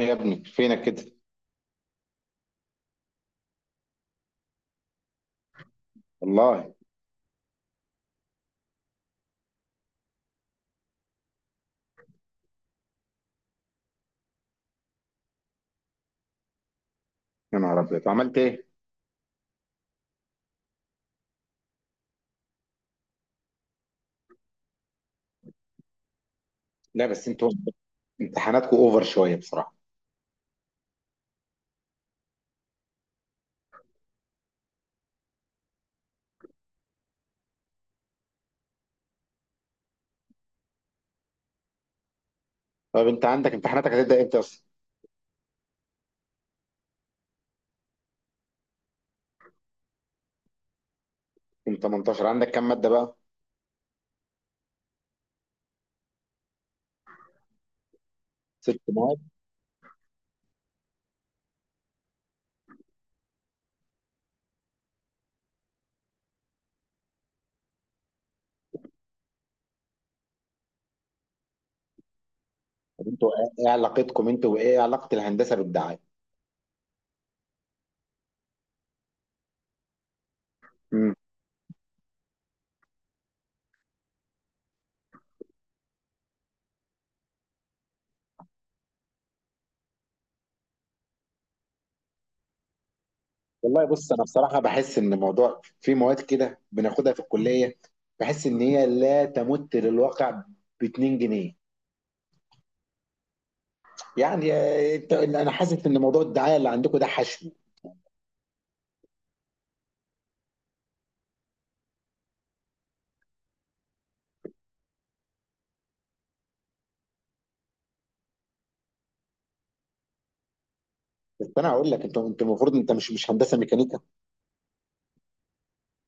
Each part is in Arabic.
إيه يا ابني فينك كده؟ والله. يا نهار ابيض، عملت ايه؟ لا بس انتوا امتحاناتكم اوفر شويه بصراحه. طب انت عندك امتحاناتك هتبدا امتى اصلا؟ يوم 18 عندك كام ماده بقى؟ ست مواد. طب انتوا إيه علاقتكم انتوا، وايه علاقه الهندسه بالدعايه؟ امم والله، بص انا بصراحه بحس ان الموضوع في مواد كده بناخدها في الكليه، بحس ان هي لا تمت للواقع ب 2 جنيه. يعني انا حاسس ان موضوع الدعايه اللي عندكم ده حشو. بس انا هقول لك، انتوا المفروض انت مش هندسه ميكانيكا.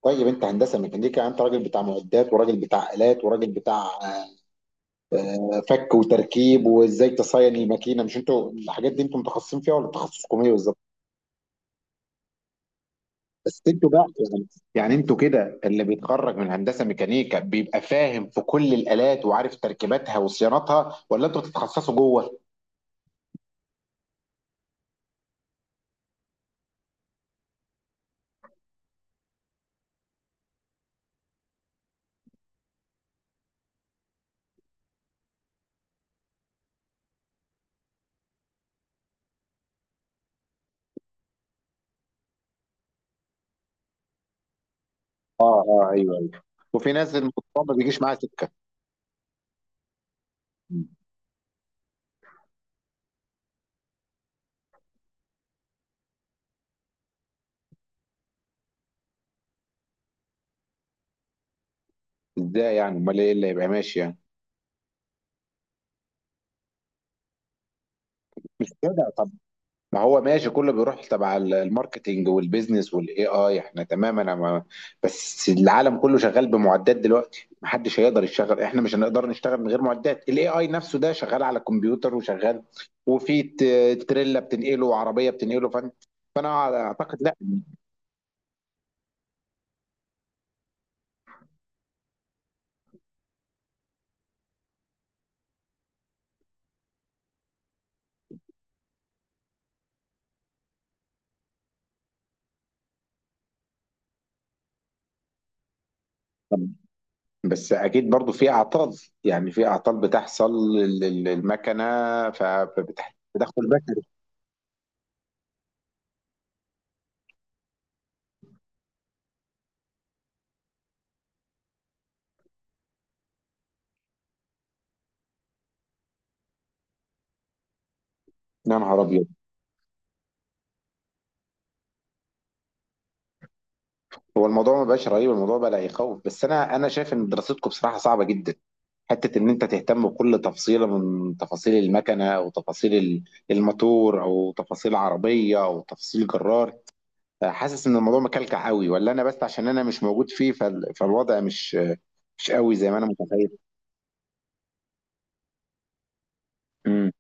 طيب، انت هندسه ميكانيكا، انت راجل بتاع معدات، وراجل بتاع الات، وراجل بتاع فك وتركيب، وازاي تصين الماكينه. مش انتوا الحاجات دي انتوا متخصصين فيها، ولا تخصصكم ايه بالظبط؟ بس انتوا بقى، يعني يعني انتوا كده اللي بيتخرج من هندسه ميكانيكا بيبقى فاهم في كل الالات وعارف تركيباتها وصيانتها، ولا انتوا بتتخصصوا جوه؟ اه اه، ايوه ايوه. وفي ناس الموضوع ما بيجيش معاها سكه. مم. ازاي يعني؟ امال ايه اللي هيبقى ماشي يعني؟ مش كده، ما هو ماشي كله بيروح تبع الماركتينج والبيزنس والاي اي. احنا تمام، انا ما. بس العالم كله شغال بمعدات دلوقتي، محدش هيقدر يشتغل، احنا مش هنقدر نشتغل من غير معدات. الاي اي نفسه ده شغال على كمبيوتر وشغال، وفي تريلا بتنقله وعربيه بتنقله. فانا اعتقد لا. طب بس اكيد برضو في اعطال، يعني في اعطال بتحصل للمكنه، فبتدخل بشري. يا نهار ابيض. هو الموضوع ما بقاش رهيب، الموضوع بقى لا يخوف. بس انا شايف ان دراستكم بصراحه صعبه جدا. حته ان انت تهتم بكل تفصيله من تفاصيل المكنه، او تفاصيل الموتور، او تفاصيل عربيه، او تفاصيل جرار. حاسس ان الموضوع مكلكع قوي، ولا انا بس عشان انا مش موجود فيه فالوضع مش قوي زي ما انا متخيل. امم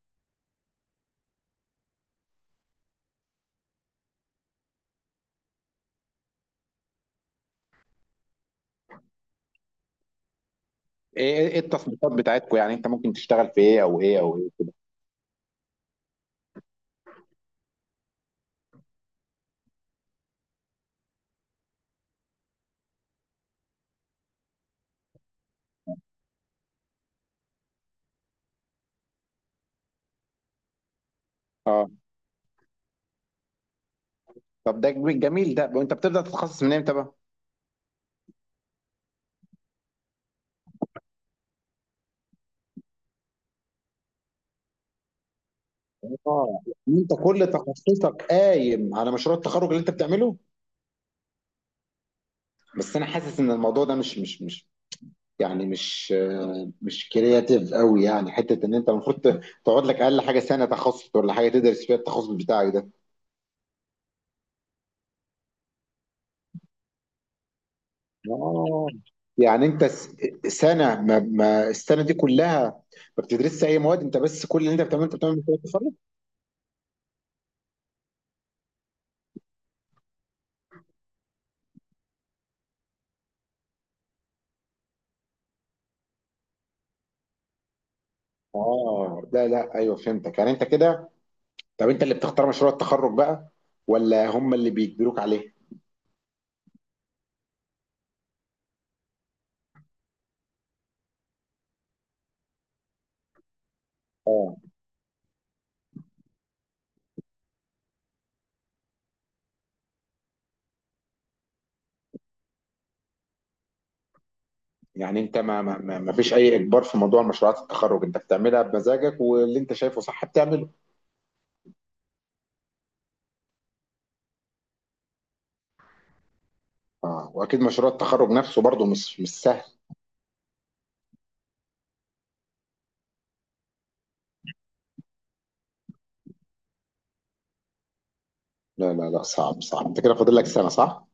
ايه ايه إيه التصنيفات بتاعتكم، يعني انت ممكن تشتغل في ايه او ايه او ايه؟ طب ده جميل ده. وانت بتبدا تتخصص من امتى بقى؟ اه، انت كل تخصصك قايم على مشروع التخرج اللي انت بتعمله. بس انا حاسس ان الموضوع ده مش يعني مش كرياتيف قوي. يعني حته ان انت المفروض تقعد لك اقل حاجه سنه تخصص، ولا حاجه تدرس فيها التخصص بتاعك ده. اه، يعني انت سنه، ما السنه دي كلها ما بتدرسش اي مواد، انت بس كل اللي انت بتعمله انت بتعمل مشروع التخرج. اه، لا لا، ايوه، فهمتك، يعني انت كده. طب انت اللي بتختار مشروع التخرج بقى، ولا هم اللي بيجبروك عليه؟ اه، يعني انت ما فيش اي اجبار في موضوع مشروعات التخرج، انت بتعملها بمزاجك، واللي انت شايفه صح بتعمله. اه، واكيد مشروع التخرج نفسه برضه مش سهل. لا لا لا، صعب صعب. انت كده فاضل لك سنه، صح؟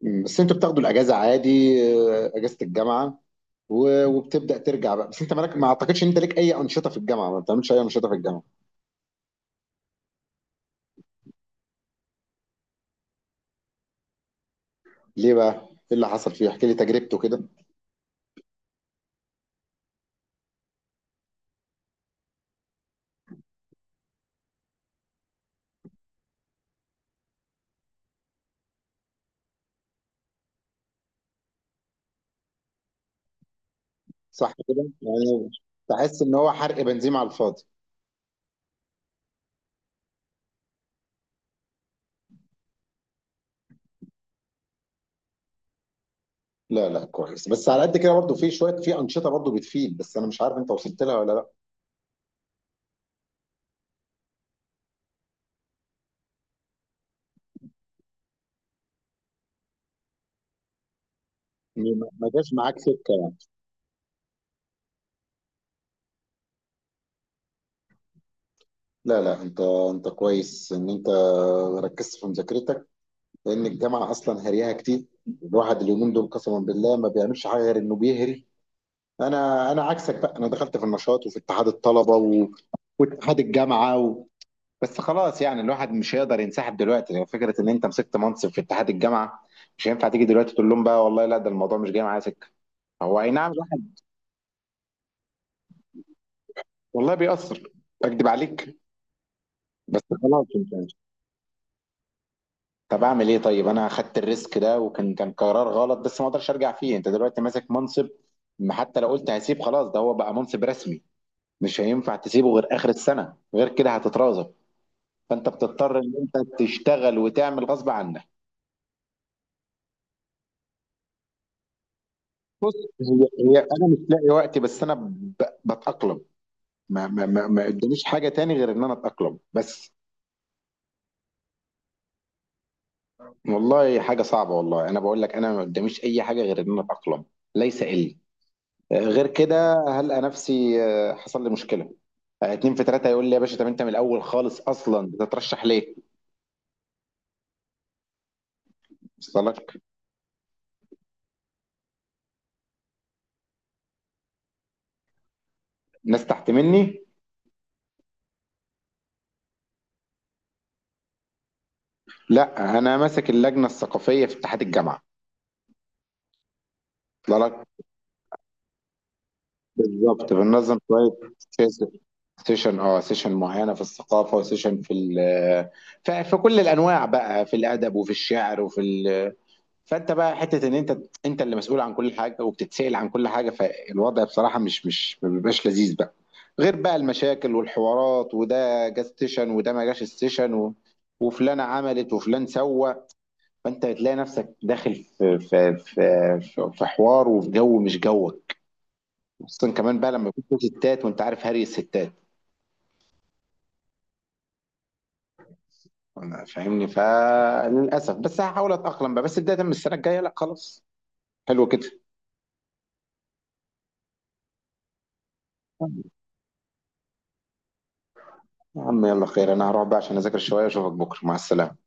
مم، بس انتوا بتاخدوا الاجازه عادي، اجازه الجامعه، وبتبدا ترجع بقى. بس انت مالك، ما اعتقدش ان انت ليك اي انشطه في الجامعه، ما بتعملش اي انشطه في الجامعه؟ ليه بقى؟ ايه اللي حصل فيه؟ احكي لي تجربته كده. صح كده، يعني بحس ان هو حرق بنزين على الفاضي. لا لا كويس، بس على قد كده برضو في شويه، في انشطه برضو بتفيد، بس انا مش عارف انت وصلت لها ولا لا. ما جاش معاك سكه يعني. لا لا، انت كويس ان انت ركزت في مذاكرتك، لان الجامعه اصلا هريها كتير. الواحد اليومين دول قسما بالله ما بيعملش حاجه غير انه بيهري. انا عكسك بقى، انا دخلت في النشاط، وفي اتحاد الطلبه و... واتحاد الجامعه و... بس خلاص، يعني الواحد مش هيقدر ينسحب دلوقتي، يعني فكره ان انت مسكت منصب في اتحاد الجامعه، مش هينفع تيجي دلوقتي تقول لهم بقى والله لا، ده الموضوع مش جاي معايا سكه. هو اي نعم، والله بيأثر، اكدب عليك. بس خلاص انت. طب اعمل ايه طيب؟ انا خدت الريسك ده، وكان كان قرار غلط، بس ما اقدرش ارجع فيه. انت دلوقتي ماسك منصب، ما حتى لو قلت هسيب خلاص، ده هو بقى منصب رسمي، مش هينفع تسيبه غير اخر السنه، غير كده هتترازب. فانت بتضطر ان انت تشتغل وتعمل غصب عنك. بص، هي انا مش لاقي وقتي، بس انا بتأقلم. ما قداميش حاجه تاني غير ان انا اتأقلم بس. والله حاجه صعبه، والله انا بقول لك، انا ما قداميش اي حاجه غير ان انا اتأقلم، ليس الا. غير كده هلقى نفسي حصل لي مشكله، اتنين في تلاته يقول لي يا باشا، طب انت من الاول خالص اصلا بتترشح ليه؟ وصل لك. ناس تحت مني. لا، انا ماسك اللجنه الثقافيه في اتحاد الجامعه. وصل لك. بالظبط، بننظم شويه سيشن معينه في الثقافه، وسيشن في في كل الانواع بقى، في الادب، وفي الشعر، وفي. فانت بقى حته ان انت اللي مسؤول عن كل حاجه وبتتسال عن كل حاجه، فالوضع بصراحه مش ما بيبقاش لذيذ بقى. غير بقى المشاكل والحوارات، وده جه ستيشن، وده ما جاش ستيشن و... وفلانه عملت، وفلان سوى. فانت بتلاقي نفسك داخل في حوار، وفي جو مش جوك. خصوصا كمان بقى لما يكون في ستات، وانت عارف هري الستات. أنا فاهمني، فللاسف بس هحاول اتاقلم بقى، بس بدايه من السنه الجايه لا خلاص. حلو كده. يا عم يلا خير، انا هروح بقى عشان اذاكر شويه، اشوفك بكره، مع السلامه.